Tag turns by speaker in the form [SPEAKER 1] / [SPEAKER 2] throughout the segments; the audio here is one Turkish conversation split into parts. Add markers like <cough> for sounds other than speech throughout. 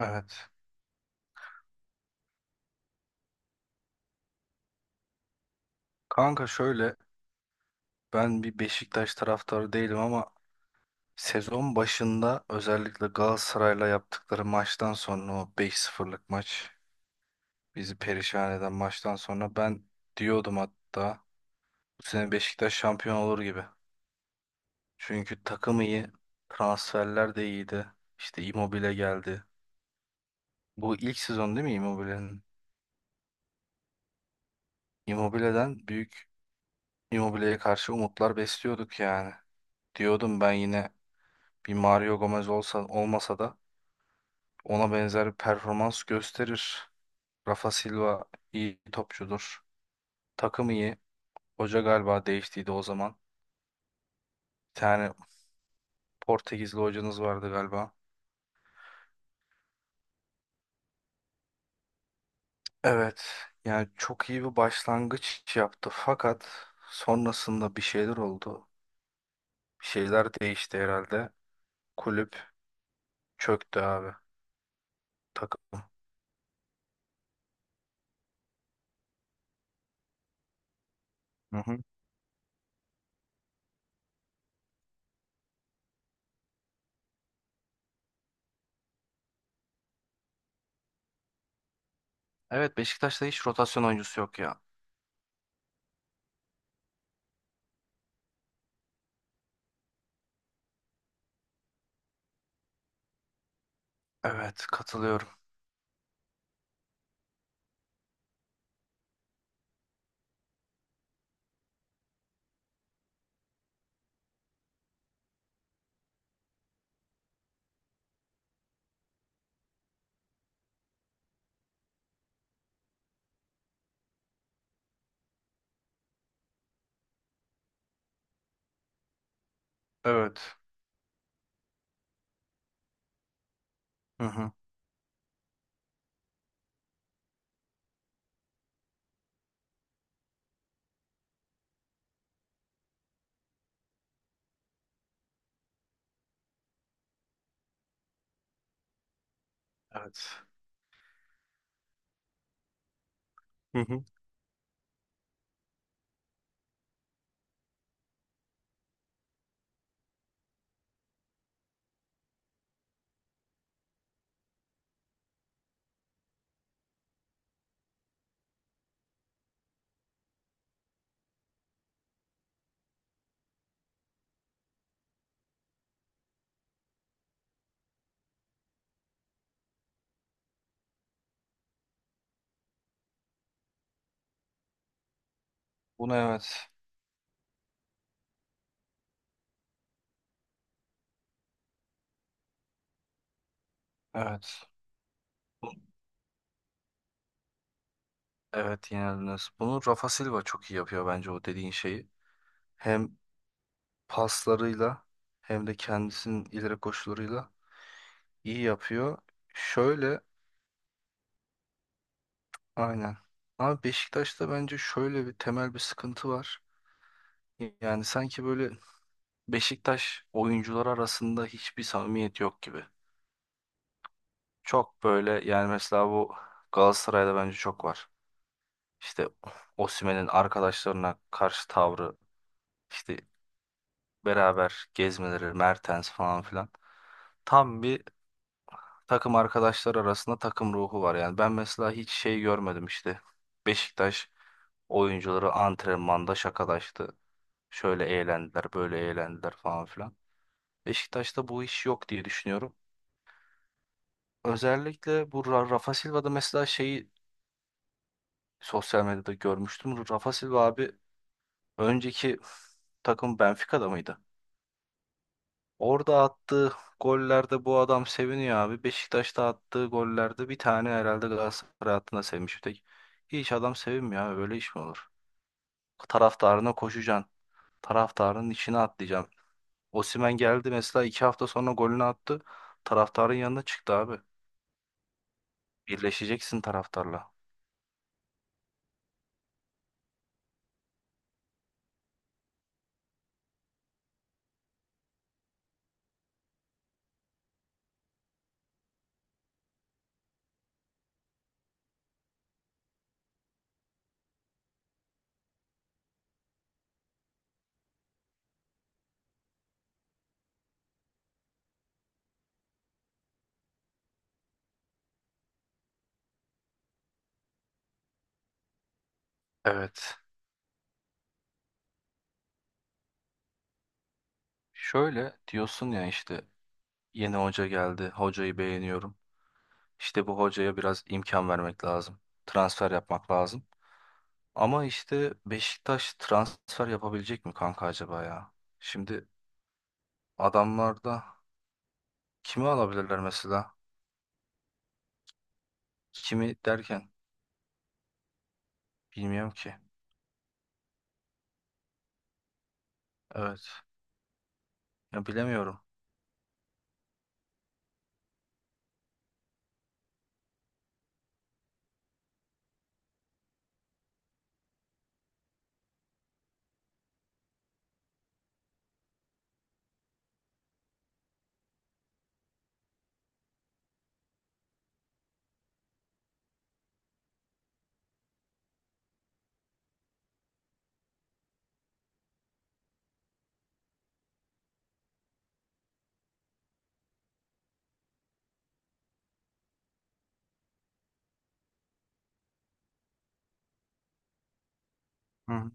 [SPEAKER 1] Evet. Kanka şöyle, ben bir Beşiktaş taraftarı değilim ama sezon başında özellikle Galatasaray'la yaptıkları maçtan sonra o beş sıfırlık maç, bizi perişan eden maçtan sonra ben diyordum hatta, bu sene Beşiktaş şampiyon olur gibi. Çünkü takım iyi, transferler de iyiydi. İşte Immobile geldi. Bu ilk sezon değil mi Immobile'nin? Immobile'den büyük Immobile'ye karşı umutlar besliyorduk yani. Diyordum ben yine, bir Mario Gomez olsa, olmasa da ona benzer bir performans gösterir. Rafa Silva iyi topçudur. Takım iyi. Hoca galiba değiştiydi o zaman. Bir tane Portekizli hocanız vardı galiba. Evet. Yani çok iyi bir başlangıç yaptı. Fakat sonrasında bir şeyler oldu. Bir şeyler değişti herhalde. Kulüp çöktü abi. Takım. Hı hı. Evet, Beşiktaş'ta hiç rotasyon oyuncusu yok ya. Evet, katılıyorum. Evet. Hı hı. Evet. Hı hı. Bunu evet. Evet. Evet, yenildiniz. Bunu Rafa Silva çok iyi yapıyor bence, o dediğin şeyi. Hem paslarıyla hem de kendisinin ileri koşularıyla iyi yapıyor. Şöyle aynen. Ama Beşiktaş'ta bence şöyle bir temel bir sıkıntı var. Yani sanki böyle Beşiktaş oyuncular arasında hiçbir samimiyet yok gibi. Çok böyle yani, mesela bu Galatasaray'da bence çok var. İşte Osimhen'in arkadaşlarına karşı tavrı, işte beraber gezmeleri, Mertens falan filan. Tam bir takım arkadaşlar arasında takım ruhu var. Yani ben mesela hiç şey görmedim işte. Beşiktaş oyuncuları antrenmanda şakalaştı. Şöyle eğlendiler, böyle eğlendiler falan filan. Beşiktaş'ta bu iş yok diye düşünüyorum. Özellikle bu Rafa Silva'da mesela şeyi sosyal medyada görmüştüm. Rafa Silva abi, önceki takım Benfica'da mıydı? Orada attığı gollerde bu adam seviniyor abi. Beşiktaş'ta attığı gollerde bir tane herhalde Galatasaray hattına sevmiş bir tek. Hiç adam sevinmiyor abi. Öyle iş mi olur? Taraftarına koşacaksın. Taraftarının içine atlayacaksın. Osimhen geldi mesela, iki hafta sonra golünü attı. Taraftarın yanına çıktı abi. Birleşeceksin taraftarla. Evet. Şöyle diyorsun ya işte, yeni hoca geldi. Hocayı beğeniyorum. İşte bu hocaya biraz imkan vermek lazım. Transfer yapmak lazım. Ama işte Beşiktaş transfer yapabilecek mi kanka acaba ya? Şimdi adamlarda kimi alabilirler mesela? Kimi derken bilmiyorum ki. Evet. Ya bilemiyorum. Hı hı.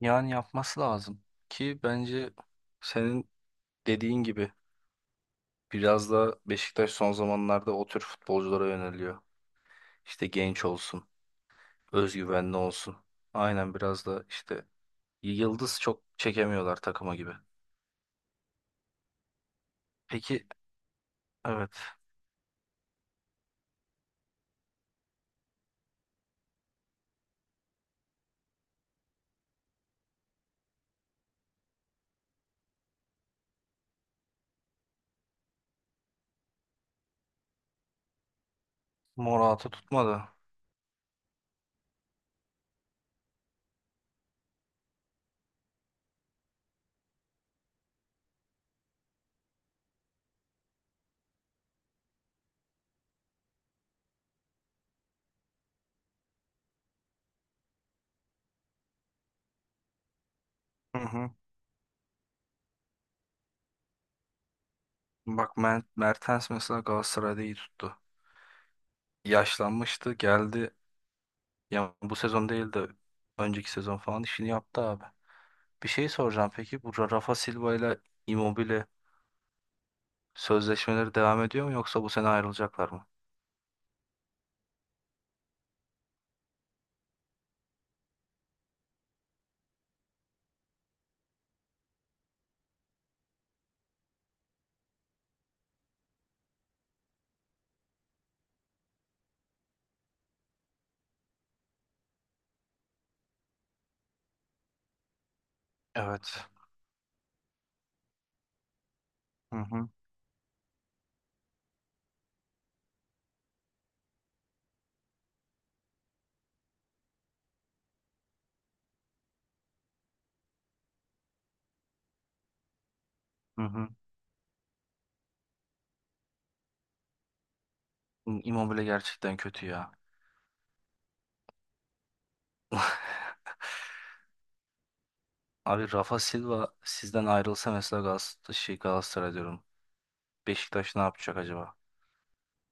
[SPEAKER 1] Yani yapması lazım ki, bence senin dediğin gibi biraz da Beşiktaş son zamanlarda o tür futbolculara yöneliyor. İşte genç olsun, özgüvenli olsun. Aynen, biraz da işte yıldız çok çekemiyorlar takıma gibi. Peki evet, Morata tutmadı. Hı hı. Bak Mertens mesela Galatasaray'da iyi tuttu. Yaşlanmıştı geldi. Ya bu sezon değil de önceki sezon falan işini yaptı abi. Bir şey soracağım peki, bu Rafa Silva ile Immobile sözleşmeleri devam ediyor mu, yoksa bu sene ayrılacaklar mı? Evet. Hı hı. Hı hı. Immobile gerçekten kötü ya. Abi, Rafa Silva sizden ayrılsa mesela Galatasaray, şey Galatasaray diyorum, Beşiktaş ne yapacak acaba?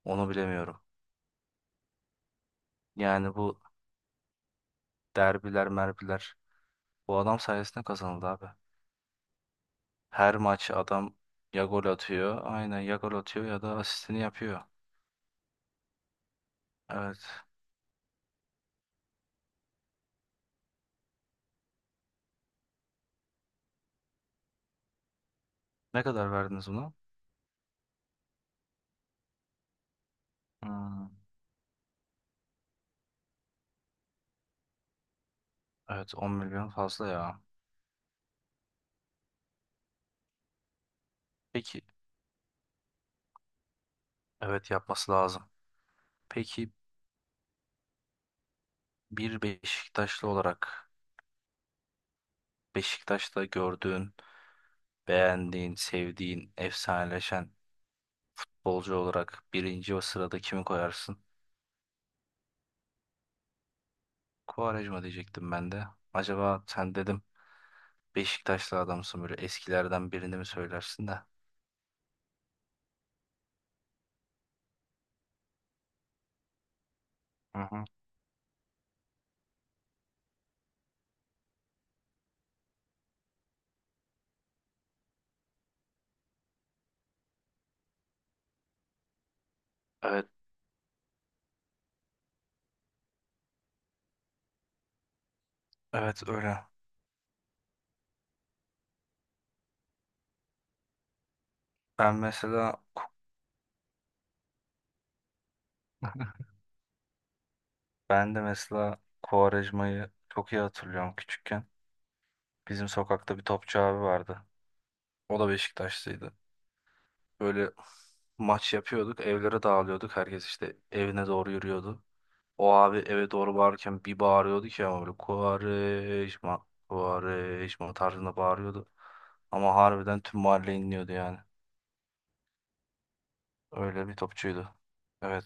[SPEAKER 1] Onu bilemiyorum. Yani bu derbiler, merbiler bu adam sayesinde kazanıldı abi. Her maç adam ya gol atıyor, aynen, ya gol atıyor ya da asistini yapıyor. Evet. Ne kadar verdiniz buna? Hmm. Evet, 10 milyon fazla ya. Peki evet, yapması lazım. Peki, bir Beşiktaşlı olarak Beşiktaş'ta gördüğün, beğendiğin, sevdiğin, efsaneleşen bolcu olarak birinci o sırada kimi koyarsın? Quaresma diyecektim ben de. Acaba sen, dedim, Beşiktaşlı adamsın, böyle eskilerden birini mi söylersin de? Hı hı. Evet, evet öyle. Ben mesela <laughs> ben de mesela Quaresma'yı çok iyi hatırlıyorum küçükken. Bizim sokakta bir topçu abi vardı. O da Beşiktaşlıydı. Böyle maç yapıyorduk, evlere dağılıyorduk. Herkes işte evine doğru yürüyordu. O abi eve doğru bağırırken bir bağırıyordu ki, ama böyle Kuvareşma, Kuvareşma tarzında bağırıyordu. Ama harbiden tüm mahalle inliyordu yani. Öyle bir topçuydu. Evet.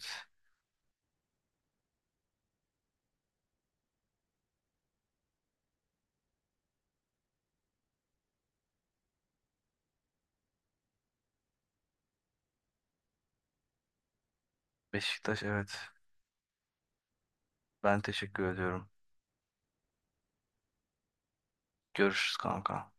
[SPEAKER 1] Beşiktaş evet. Ben teşekkür ediyorum. Görüşürüz kanka.